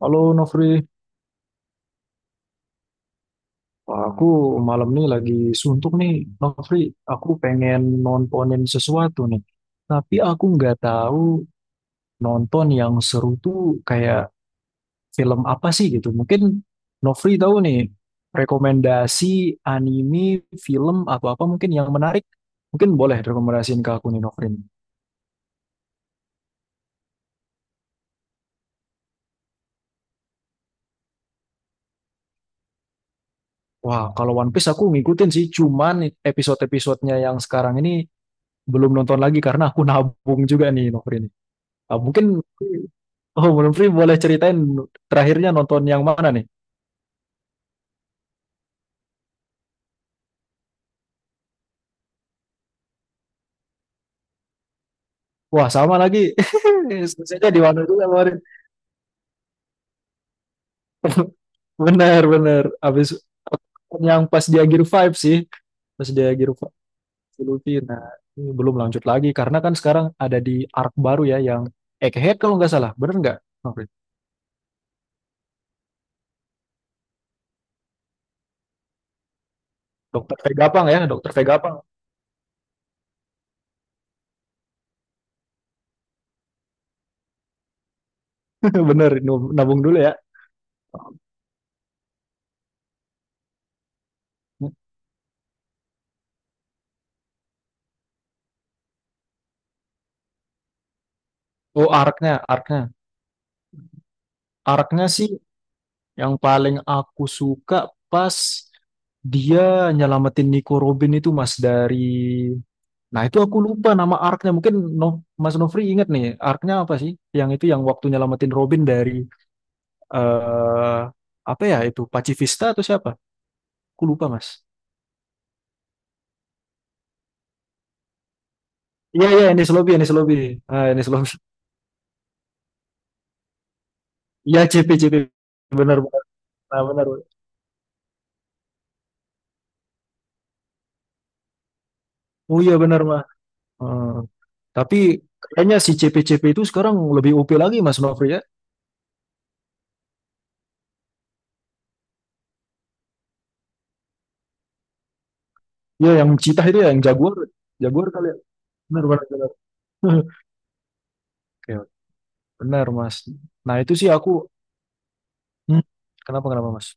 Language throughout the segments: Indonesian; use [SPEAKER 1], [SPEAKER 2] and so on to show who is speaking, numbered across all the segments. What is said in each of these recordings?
[SPEAKER 1] Halo Nofri. Wah, aku malam nih lagi suntuk nih Nofri, aku pengen nontonin sesuatu nih. Tapi aku nggak tahu nonton yang seru tuh kayak film apa sih gitu. Mungkin Nofri tahu nih rekomendasi anime, film atau apa mungkin yang menarik. Mungkin boleh rekomendasiin ke aku nih Nofri. Wah, kalau One Piece aku ngikutin sih, cuman episode-episodenya yang sekarang ini belum nonton lagi karena aku nabung juga nih Nofri nih. Ah, mungkin oh, belum free boleh ceritain terakhirnya nonton yang mana nih? Wah, sama lagi. Selesainya di mana juga kemarin. Bener, bener. Abis yang pas dia Gear 5 sih. Pas dia Gear 5 si Luffy. Nah, ini belum lanjut lagi karena kan sekarang ada di arc baru ya yang Egghead kalau nggak salah. Bener nggak? Oke. Dokter Vegapang ya, Dokter Vegapang. Bener, nabung dulu ya. Oh, arc-nya, arc-nya. Arc-nya sih, yang paling aku suka pas dia nyelamatin Nico Robin itu Mas dari. Nah itu aku lupa nama arc. Mungkin no, Mas Nofri ingat nih arc-nya apa sih? Yang itu yang waktu nyelamatin Robin dari eh apa ya itu Pacifista atau siapa? Aku lupa Mas. Iya iya Enies Lobby Enies Lobby. Ah Enies Lobby. Iya CP CP. Benar benar. Nah, benar. Oh iya benar Mas. Hmm. Tapi kayaknya si CP-CP itu sekarang lebih OP lagi Mas Nofri ya. Iya yang Citah itu ya yang Jaguar. Jaguar kali ya. Benar benar benar. Oke, benar Mas. Nah, itu sih aku. Hmm, kenapa kenapa Mas?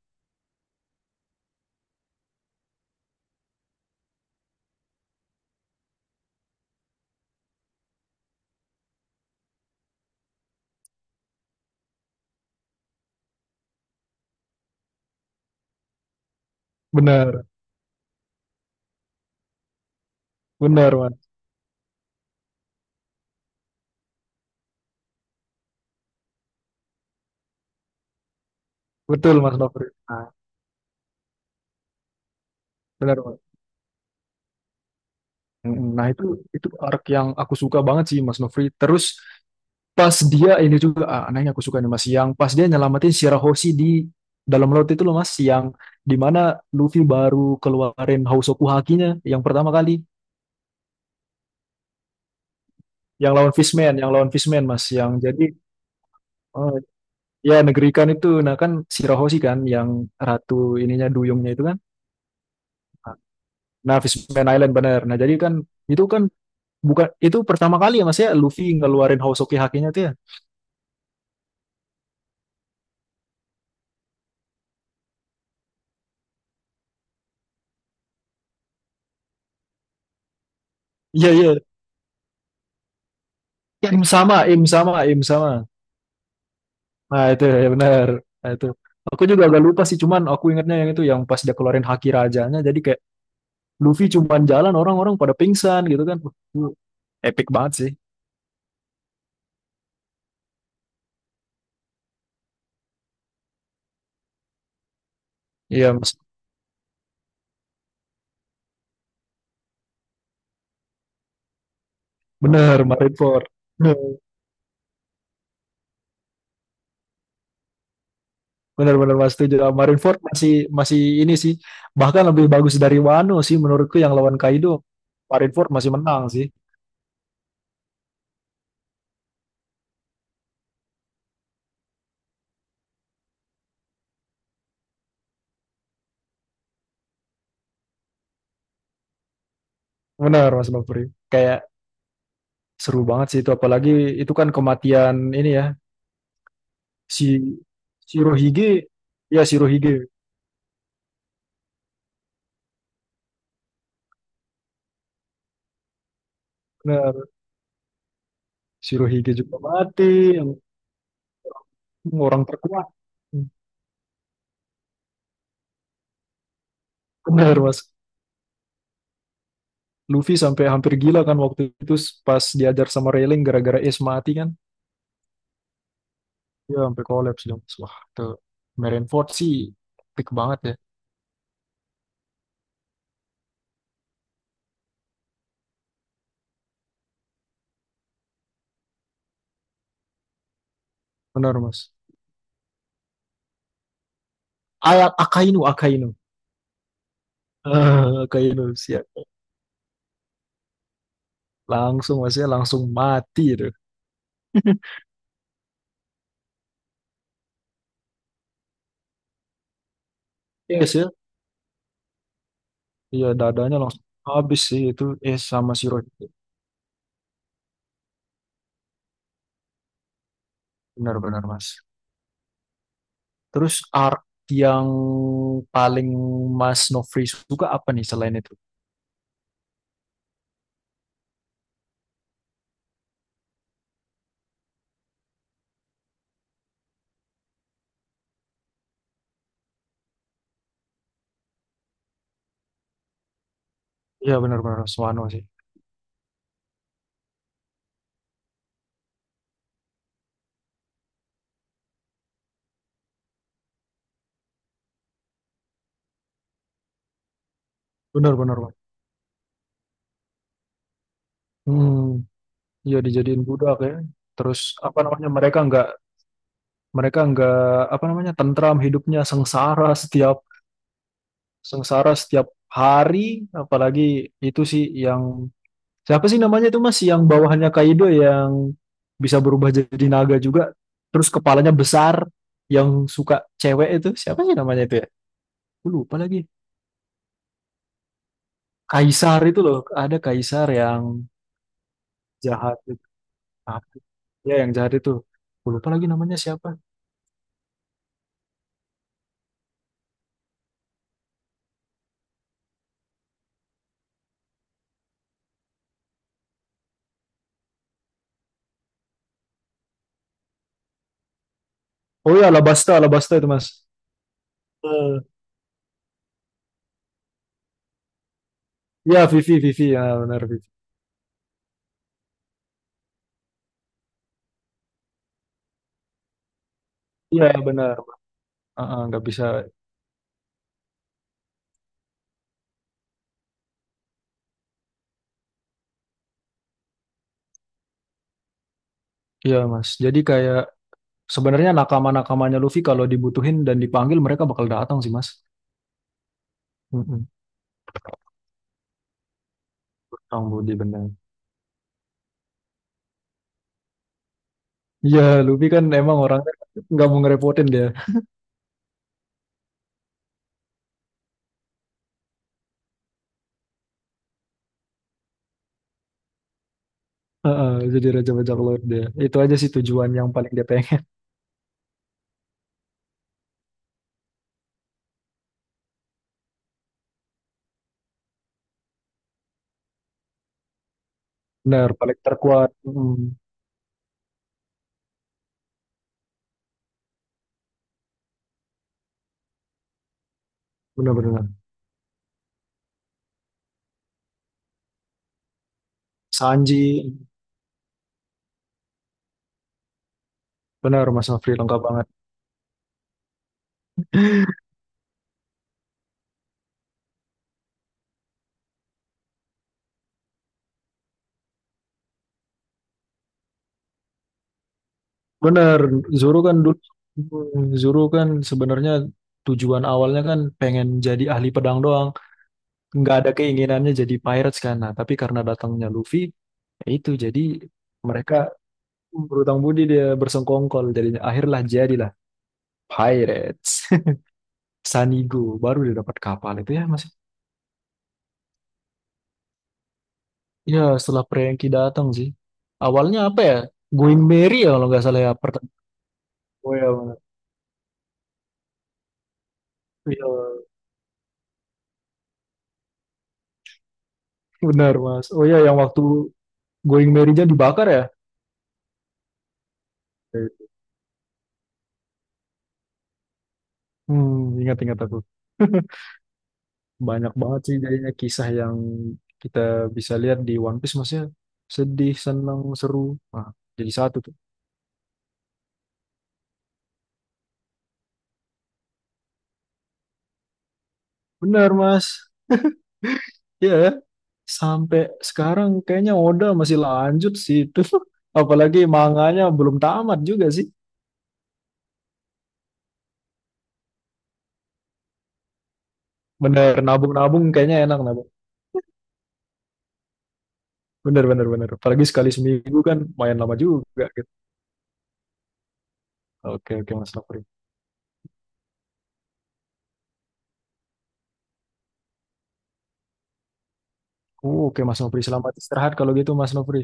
[SPEAKER 1] Benar, benar Mas. Betul Mas Nofri. Nah, benar Mas. Mm, nah, itu arc yang aku suka banget sih Mas Nofri. Terus pas dia ini juga nah ini aku suka nih Mas yang pas dia nyelamatin Shirahoshi di dalam laut itu loh Mas yang dimana Luffy baru keluarin Hausoku Hakinya yang pertama kali yang lawan Fishman Mas yang jadi oh. Ya, negeri ikan itu. Nah, kan Shirahoshi kan yang ratu ininya duyungnya itu kan. Nah, Fishman Island bener. Nah, jadi kan itu kan bukan itu pertama kali ya Mas ya Luffy ngeluarin Hosoki hakinya tuh ya. Iya, iya. Ya, Im sama, im sama, im sama. Nah, itu ya bener. Nah, itu. Aku juga agak lupa sih, cuman aku ingatnya yang itu yang pas dia keluarin haki rajanya jadi kayak Luffy cuman jalan orang-orang pada pingsan gitu kan. Wah, itu epic banget sih. Iya, Mas. Bener, Marineford. Benar-benar Mas setuju. Marineford masih masih ini sih, bahkan lebih bagus dari Wano sih menurutku yang lawan Kaido. Marineford masih menang sih. Benar Mas Nopri. Kayak seru banget sih itu apalagi itu kan kematian ini ya, si Shirohige ya Shirohige. Benar. Shirohige juga mati, yang orang terkuat. Benar Mas. Luffy sampai hampir gila kan waktu itu pas diajar sama Railing gara-gara Ace mati kan. Ya sampai kolaps dong. Wah, tuh Marineford sih peak banget ya. Benar, Mas. Ayat Akainu, Akainu. Ah, Akainu, siap. Langsung, Mas ya, langsung mati itu. Iya sih, ya? Iya dadanya langsung habis sih itu sama si Rohit. Benar-benar, Mas. Terus arc yang paling Mas Nofri suka apa nih selain itu? Iya, benar-benar Swano sih. Benar-benar, Mas. Hmm, iya dijadiin budak ya. Terus apa namanya, mereka nggak apa namanya tentram hidupnya, sengsara setiap hari, apalagi itu sih yang siapa sih namanya itu Mas yang bawahannya Kaido yang bisa berubah jadi naga juga, terus kepalanya besar, yang suka cewek itu, siapa sih namanya itu ya. Aku lupa lagi. Kaisar itu loh, ada Kaisar yang jahat itu. Apa? Ya yang jahat itu. Aku lupa lagi namanya siapa. Oh ya Alabasta, Alabasta itu Mas. Eh, ya Vivi Vivi ya benar Vivi. Iya benar. Ah, ah, nggak bisa. Iya Mas. Jadi kayak sebenarnya nakama-nakamanya Luffy kalau dibutuhin dan dipanggil mereka bakal datang sih Mas. Mm-mm. Orang Budi benar. Iya, Luffy kan emang orangnya nggak mau ngerepotin dia. Heeh, jadi Raja Bajak Laut dia. Itu aja sih tujuan yang paling dia pengen. Benar, paling terkuat. Mm. Benar-benar. Sanji, benar Mas Afri lengkap banget. Benar, Zoro kan dulu, Zoro kan sebenarnya tujuan awalnya kan pengen jadi ahli pedang doang. Nggak ada keinginannya jadi pirates kan. Nah, tapi karena datangnya Luffy, ya itu jadi mereka berutang budi, dia bersengkongkol jadinya, akhirlah jadilah pirates. Sanigo baru dia dapat kapal itu ya Mas. Ya setelah Prengki datang sih. Awalnya apa ya? Going Merry ya kalau nggak salah ya pertama. Oh ya, Mas. Iya, benar Mas. Oh ya yang waktu Going Merry-nya dibakar ya. Hmm, ingat-ingat aku. Banyak banget sih jadinya kisah yang kita bisa lihat di One Piece Mas ya. Sedih, senang, seru. Nah, jadi satu tuh. Benar Mas. Ya, sampai sekarang kayaknya Oda masih lanjut sih itu. Apalagi manganya belum tamat juga sih. Bener, nabung-nabung kayaknya enak nabung. Bener, bener, bener. Apalagi sekali seminggu kan main lama juga gitu. Oke, oke Mas Nofri. Oh, oke Mas Nofri, selamat istirahat kalau gitu Mas Nofri.